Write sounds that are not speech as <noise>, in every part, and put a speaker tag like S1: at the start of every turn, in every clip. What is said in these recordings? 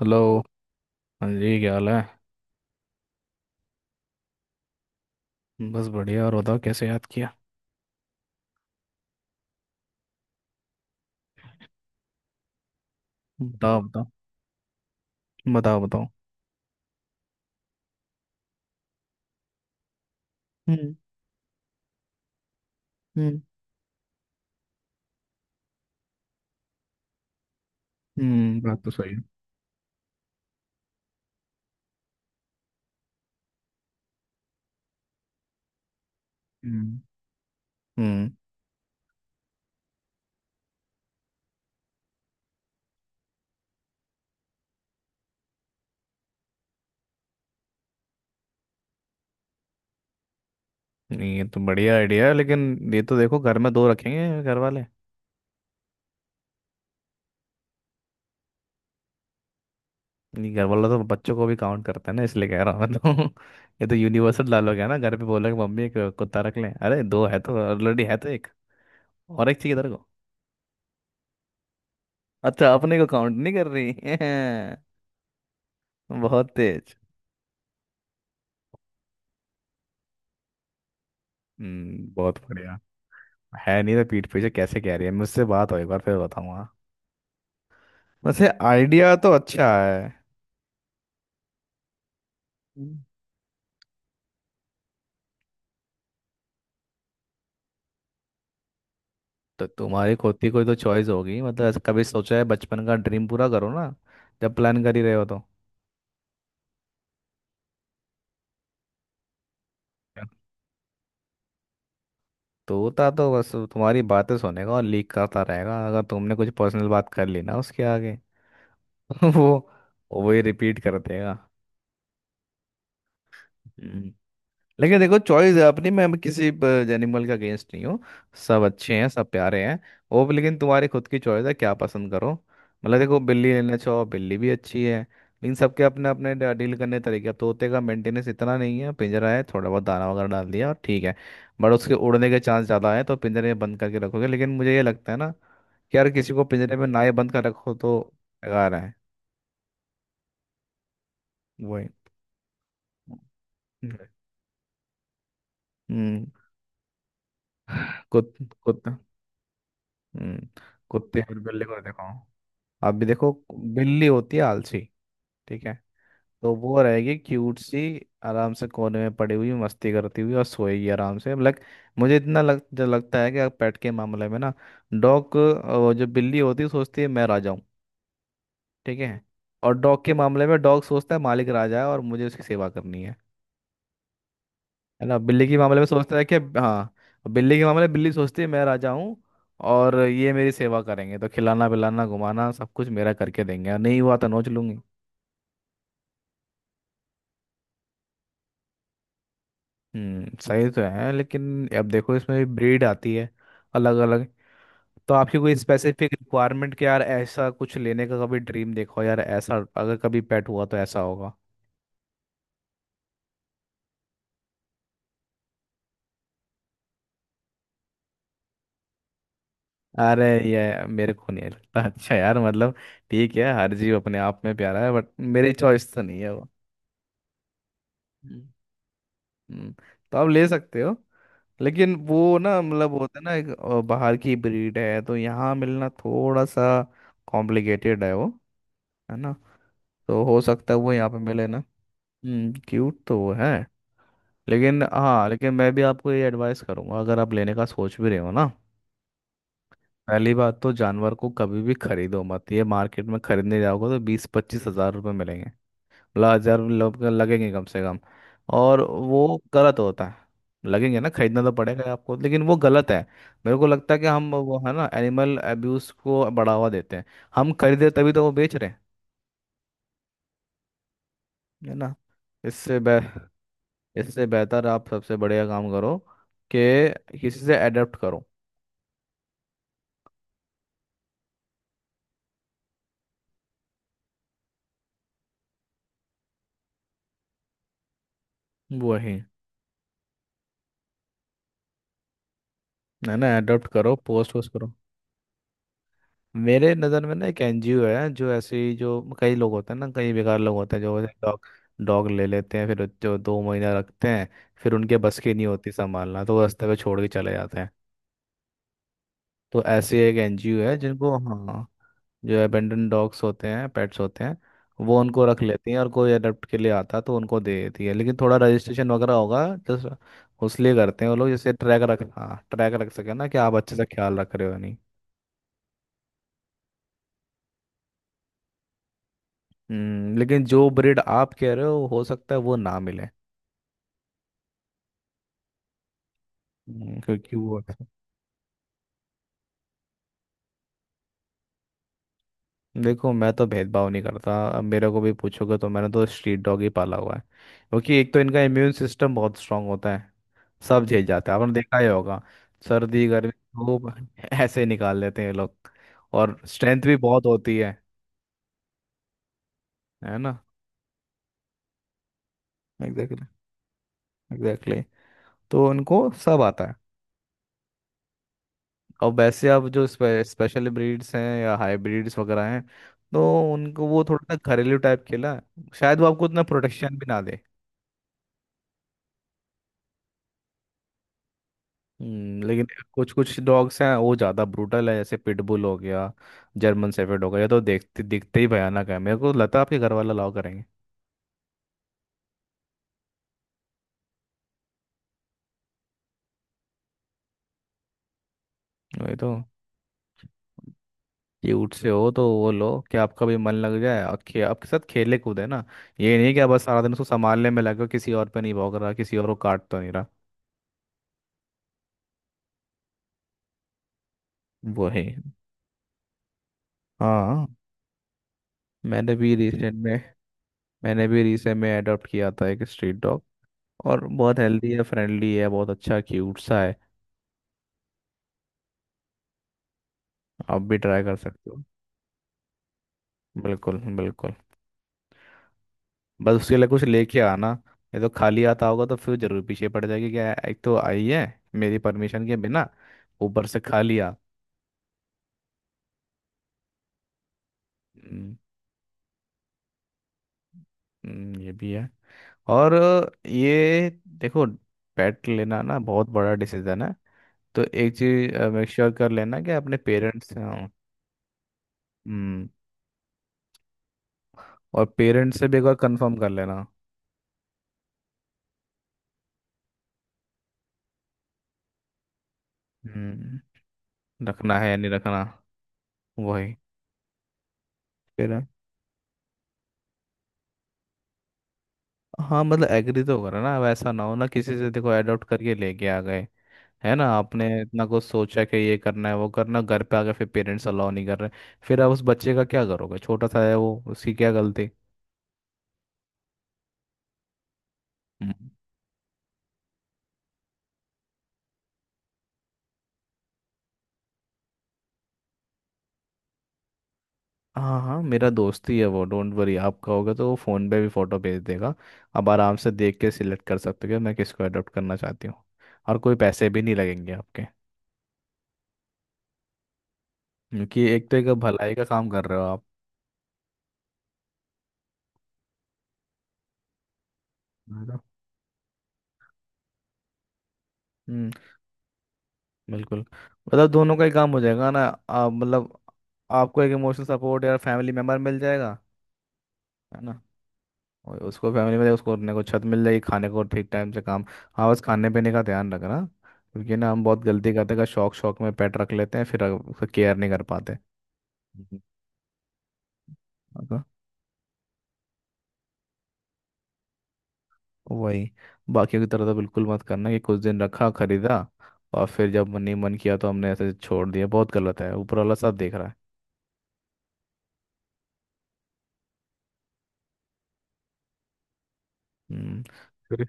S1: Hello. हाँ जी, क्या हाल है? बस बढ़िया। और बताओ, कैसे याद किया? बताओ बताओ। बताओ बताओ। हम्म। हम्म। हम्म, बात तो सही है। हम्म। हम्म। नहीं, ये तो बढ़िया आइडिया है, लेकिन ये तो देखो घर में दो रखेंगे घर वाले। नहीं, घर वाले तो बच्चों को भी काउंट करते हैं ना, इसलिए कह रहा हूँ मैं। तो <laughs> ये तो यूनिवर्सल डालोग है ना, घर पे बोला कि मम्मी एक कुत्ता रख लें। अरे दो है तो ऑलरेडी, है तो एक और एक चाहिए तेरे को। अच्छा, अपने को काउंट नहीं कर रही। <laughs> बहुत तेज। हम्म, बहुत बढ़िया। है नहीं तो पीठ पीछे कैसे कह रही है, मुझसे बात हो एक बार फिर बताऊंगा। वैसे आइडिया तो अच्छा है। हम्म। तो तुम्हारी खुद की कोई तो चॉइस होगी। मतलब ऐसा कभी सोचा है? बचपन का ड्रीम पूरा करो ना, जब प्लान कर ही रहे हो तो। तोता तो बस तुम्हारी बातें सुनेगा और लीक करता रहेगा। अगर तुमने कुछ पर्सनल बात कर ली ना उसके आगे, <laughs> तो वो ही रिपीट कर देगा। लेकिन देखो, चॉइस है अपनी। मैं किसी एनिमल के अगेंस्ट नहीं हूँ। सब अच्छे हैं, सब प्यारे हैं वो भी। लेकिन तुम्हारी खुद की चॉइस है क्या पसंद करो। मतलब देखो, बिल्ली लेना चाहो बिल्ली भी अच्छी है, लेकिन सबके अपने अपने डील करने के तरीके। अब तोते का मेंटेनेंस इतना नहीं है, पिंजरा है, थोड़ा बहुत दाना वगैरह डाल दिया और ठीक है। बट उसके उड़ने के चांस ज़्यादा है, तो पिंजरे में बंद करके रखोगे। लेकिन मुझे ये लगता है ना कि यार किसी को पिंजरे में ना ही बंद कर रखो तो। बेकार है वही। हम्म। कुत कुत्ता। हम्म। कुत्ते और बिल्ली को देखो। अब भी देखो, बिल्ली होती है आलसी, ठीक है? तो वो रहेगी क्यूट सी, आराम से कोने में पड़ी हुई, मस्ती करती हुई, और सोएगी आराम से। लाइक, मुझे इतना लग जो लगता है कि पेट के मामले में ना, डॉग, जो बिल्ली होती है सोचती है मैं राजा हूँ, ठीक है? और डॉग के मामले में डॉग सोचता है मालिक राजा है और मुझे उसकी सेवा करनी है। है ना? बिल्ली के मामले में सोचता है कि हाँ, बिल्ली के मामले में बिल्ली सोचती है मैं राजा हूँ और ये मेरी सेवा करेंगे, तो खिलाना पिलाना घुमाना सब कुछ मेरा करके देंगे, और नहीं हुआ तो नोच लूंगी। हम्म, सही तो है। लेकिन अब देखो, इसमें भी ब्रीड आती है अलग अलग। तो आपकी कोई स्पेसिफिक रिक्वायरमेंट कि यार ऐसा कुछ लेने का? कभी ड्रीम देखो यार ऐसा, अगर कभी पेट हुआ तो ऐसा होगा। अरे ये मेरे को नहीं लगता। <laughs> अच्छा यार, मतलब ठीक है, हर जीव अपने आप में प्यारा है, बट मेरी चॉइस तो नहीं है वो। हम्म। हम्म, तो आप ले सकते हो। लेकिन वो ना, मतलब होता है ना एक, बाहर की ब्रीड है तो यहाँ मिलना थोड़ा सा कॉम्प्लिकेटेड है वो। है ना? तो हो सकता है वो यहाँ पे मिले ना। हम्म, क्यूट तो वो है। लेकिन हाँ, लेकिन मैं भी आपको ये एडवाइस करूंगा, अगर आप लेने का सोच भी रहे हो ना, पहली बात तो जानवर को कभी भी खरीदो मत। ये मार्केट में खरीदने जाओगे तो 20-25 हज़ार रुपये मिलेंगे। मतलब हजार लोग लगेंगे कम से कम। और वो गलत होता है। लगेंगे ना, खरीदना तो पड़ेगा आपको, लेकिन वो गलत है। मेरे को लगता है कि हम वो है ना एनिमल अब्यूज को बढ़ावा देते हैं। हम खरीदे तभी तो वो बेच रहे हैं। है ना? इससे बे इससे बेहतर आप सबसे बढ़िया काम करो कि किसी से अडॉप्ट करो। वही। है ना, अडॉप्ट करो, पोस्ट वोस्ट करो। मेरे नज़र में ना एक एनजीओ है, जो ऐसे ही, जो कई लोग होते हैं ना, कई बेकार लोग होते हैं जो डॉग, डॉग ले लेते हैं फिर, जो दो महीना रखते हैं, फिर उनके बस की नहीं होती संभालना तो वो रास्ते पे छोड़ के चले जाते हैं। तो ऐसे एक एनजीओ है जिनको, हाँ, जो अबेंडन डॉग्स होते हैं, पेट्स होते हैं, वो उनको रख लेती हैं। और कोई अडॉप्ट के लिए आता तो उनको दे देती है। लेकिन थोड़ा रजिस्ट्रेशन वगैरह होगा, जस्ट उस लिए करते हैं वो लोग, जैसे ट्रैक रख, हाँ ट्रैक रख सके ना कि आप अच्छे से ख्याल रख रहे हो या नहीं। लेकिन जो ब्रीड आप कह रहे हो सकता है वो ना मिले। क्योंकि वो, देखो मैं तो भेदभाव नहीं करता। अब मेरे को भी पूछोगे तो मैंने तो स्ट्रीट डॉग ही पाला हुआ है, क्योंकि एक तो इनका इम्यून सिस्टम बहुत स्ट्रांग होता है। सब झेल जाता है, आपने देखा ही होगा, सर्दी गर्मी धूप। <laughs> ऐसे निकाल लेते हैं ये लोग। और स्ट्रेंथ भी बहुत होती है ना? एग्जैक्टली। एग्जैक्टली। तो उनको सब आता है। और वैसे अब जो स्पेशल ब्रीड्स हैं या हाइब्रिड्स वगैरह हैं, तो उनको वो थोड़ा सा घरेलू टाइप खेला है शायद, वो आपको उतना प्रोटेक्शन भी ना दे। लेकिन कुछ कुछ डॉग्स हैं वो ज़्यादा ब्रूटल है, जैसे पिटबुल हो गया, जर्मन शेफर्ड हो गया, ये तो देखते दिखते ही भयानक है। मेरे को लगता है आपके घर वाला अलाउ करेंगे? वही तो। क्यूट से हो तो वो लो, कि आपका भी मन लग जाए और आपके साथ खेले कूदे ना। ये नहीं कि आप बस सारा दिन उसको संभालने में लगे हो, किसी और पे नहीं भौंक रहा, किसी और को काट तो नहीं रहा। वो है। हाँ, मैंने भी रिसेंट में, मैंने भी रिसेंट में अडॉप्ट किया था एक स्ट्रीट डॉग। और बहुत हेल्दी है, फ्रेंडली है, बहुत अच्छा क्यूट सा है। आप भी ट्राई कर सकते हो। बिल्कुल बिल्कुल। बस उसके लिए कुछ लेके आना। ये तो खाली आता होगा तो फिर जरूर पीछे पड़ जाएगी, क्या एक तो आई है मेरी परमिशन के बिना, ऊपर से खाली। आ, ये भी है। और ये, देखो, पेट लेना ना बहुत बड़ा डिसीजन है। तो एक चीज मेक श्योर कर लेना कि अपने पेरेंट्स से, हाँ, हम्म, और पेरेंट्स से भी एक बार कंफर्म कर लेना। हम्म, रखना है या नहीं रखना। वही। फिर, हाँ मतलब एग्री तो करो ना, अब ऐसा ना हो ना किसी से देखो अडॉप्ट करके लेके आ गए, है ना, आपने इतना कुछ सोचा कि ये करना है वो करना, घर पे आके फिर पेरेंट्स अलाउ नहीं कर रहे। फिर आप उस बच्चे का क्या करोगे? छोटा सा है वो, उसकी क्या गलती? हम्म। हाँ हाँ, मेरा दोस्त ही है वो। डोंट वरी, आपका होगा तो वो फ़ोन पे भी फ़ोटो भेज देगा। आप आराम से देख के सिलेक्ट कर सकते हो कि मैं किसको अडॉप्ट करना चाहती हूँ। और कोई पैसे भी नहीं लगेंगे आपके, क्योंकि एक तो एक भलाई का काम कर रहे हो आप। है ना? हम्म। बिल्कुल। मतलब दोनों का ही काम हो जाएगा ना। आप मतलब, आपको एक इमोशनल सपोर्ट या फैमिली मेम्बर मिल जाएगा। है ना? और उसको फैमिली में उसको अपने को छत मिल जाएगी, खाने को ठीक टाइम से, काम। हाँ बस खाने पीने का ध्यान रखना, क्योंकि ना हम बहुत गलती करते हैं, शौक शौक में पेट रख लेते हैं फिर उसका केयर नहीं कर पाते। हम्म। हाँ, तो, वही, बाकियों की तरह तो बिल्कुल मत करना कि कुछ दिन रखा, खरीदा और फिर जब मन ही मन किया तो हमने ऐसे छोड़ दिया। बहुत गलत है, ऊपर वाला सब देख रहा है। हम्म। फिर,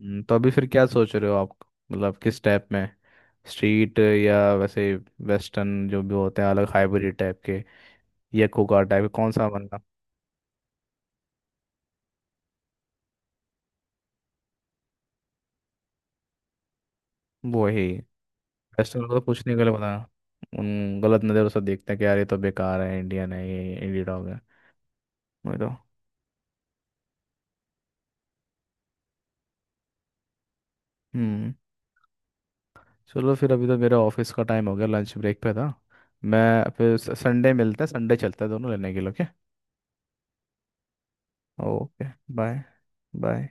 S1: तो अभी फिर क्या सोच रहे हो आप, मतलब किस टाइप में? स्ट्रीट, या वैसे वेस्टर्न जो भी होते हैं अलग हाइब्रिड टाइप के, या कोका टाइप कौन सा बनना? वो ही। वेस्टर्न लोग तो कुछ नहीं, गलत बता, उन गलत नज़रों से देखते हैं कि यार ये तो बेकार है, इंडियन है, ये इंडी डॉग है। वही तो। हम्म। चलो फिर, अभी तो मेरा ऑफिस का टाइम हो गया, लंच ब्रेक पे था मैं। फिर संडे मिलते हैं, संडे चलते हैं दोनों लेने के लिए। ओके। ओके। बाय। बाय।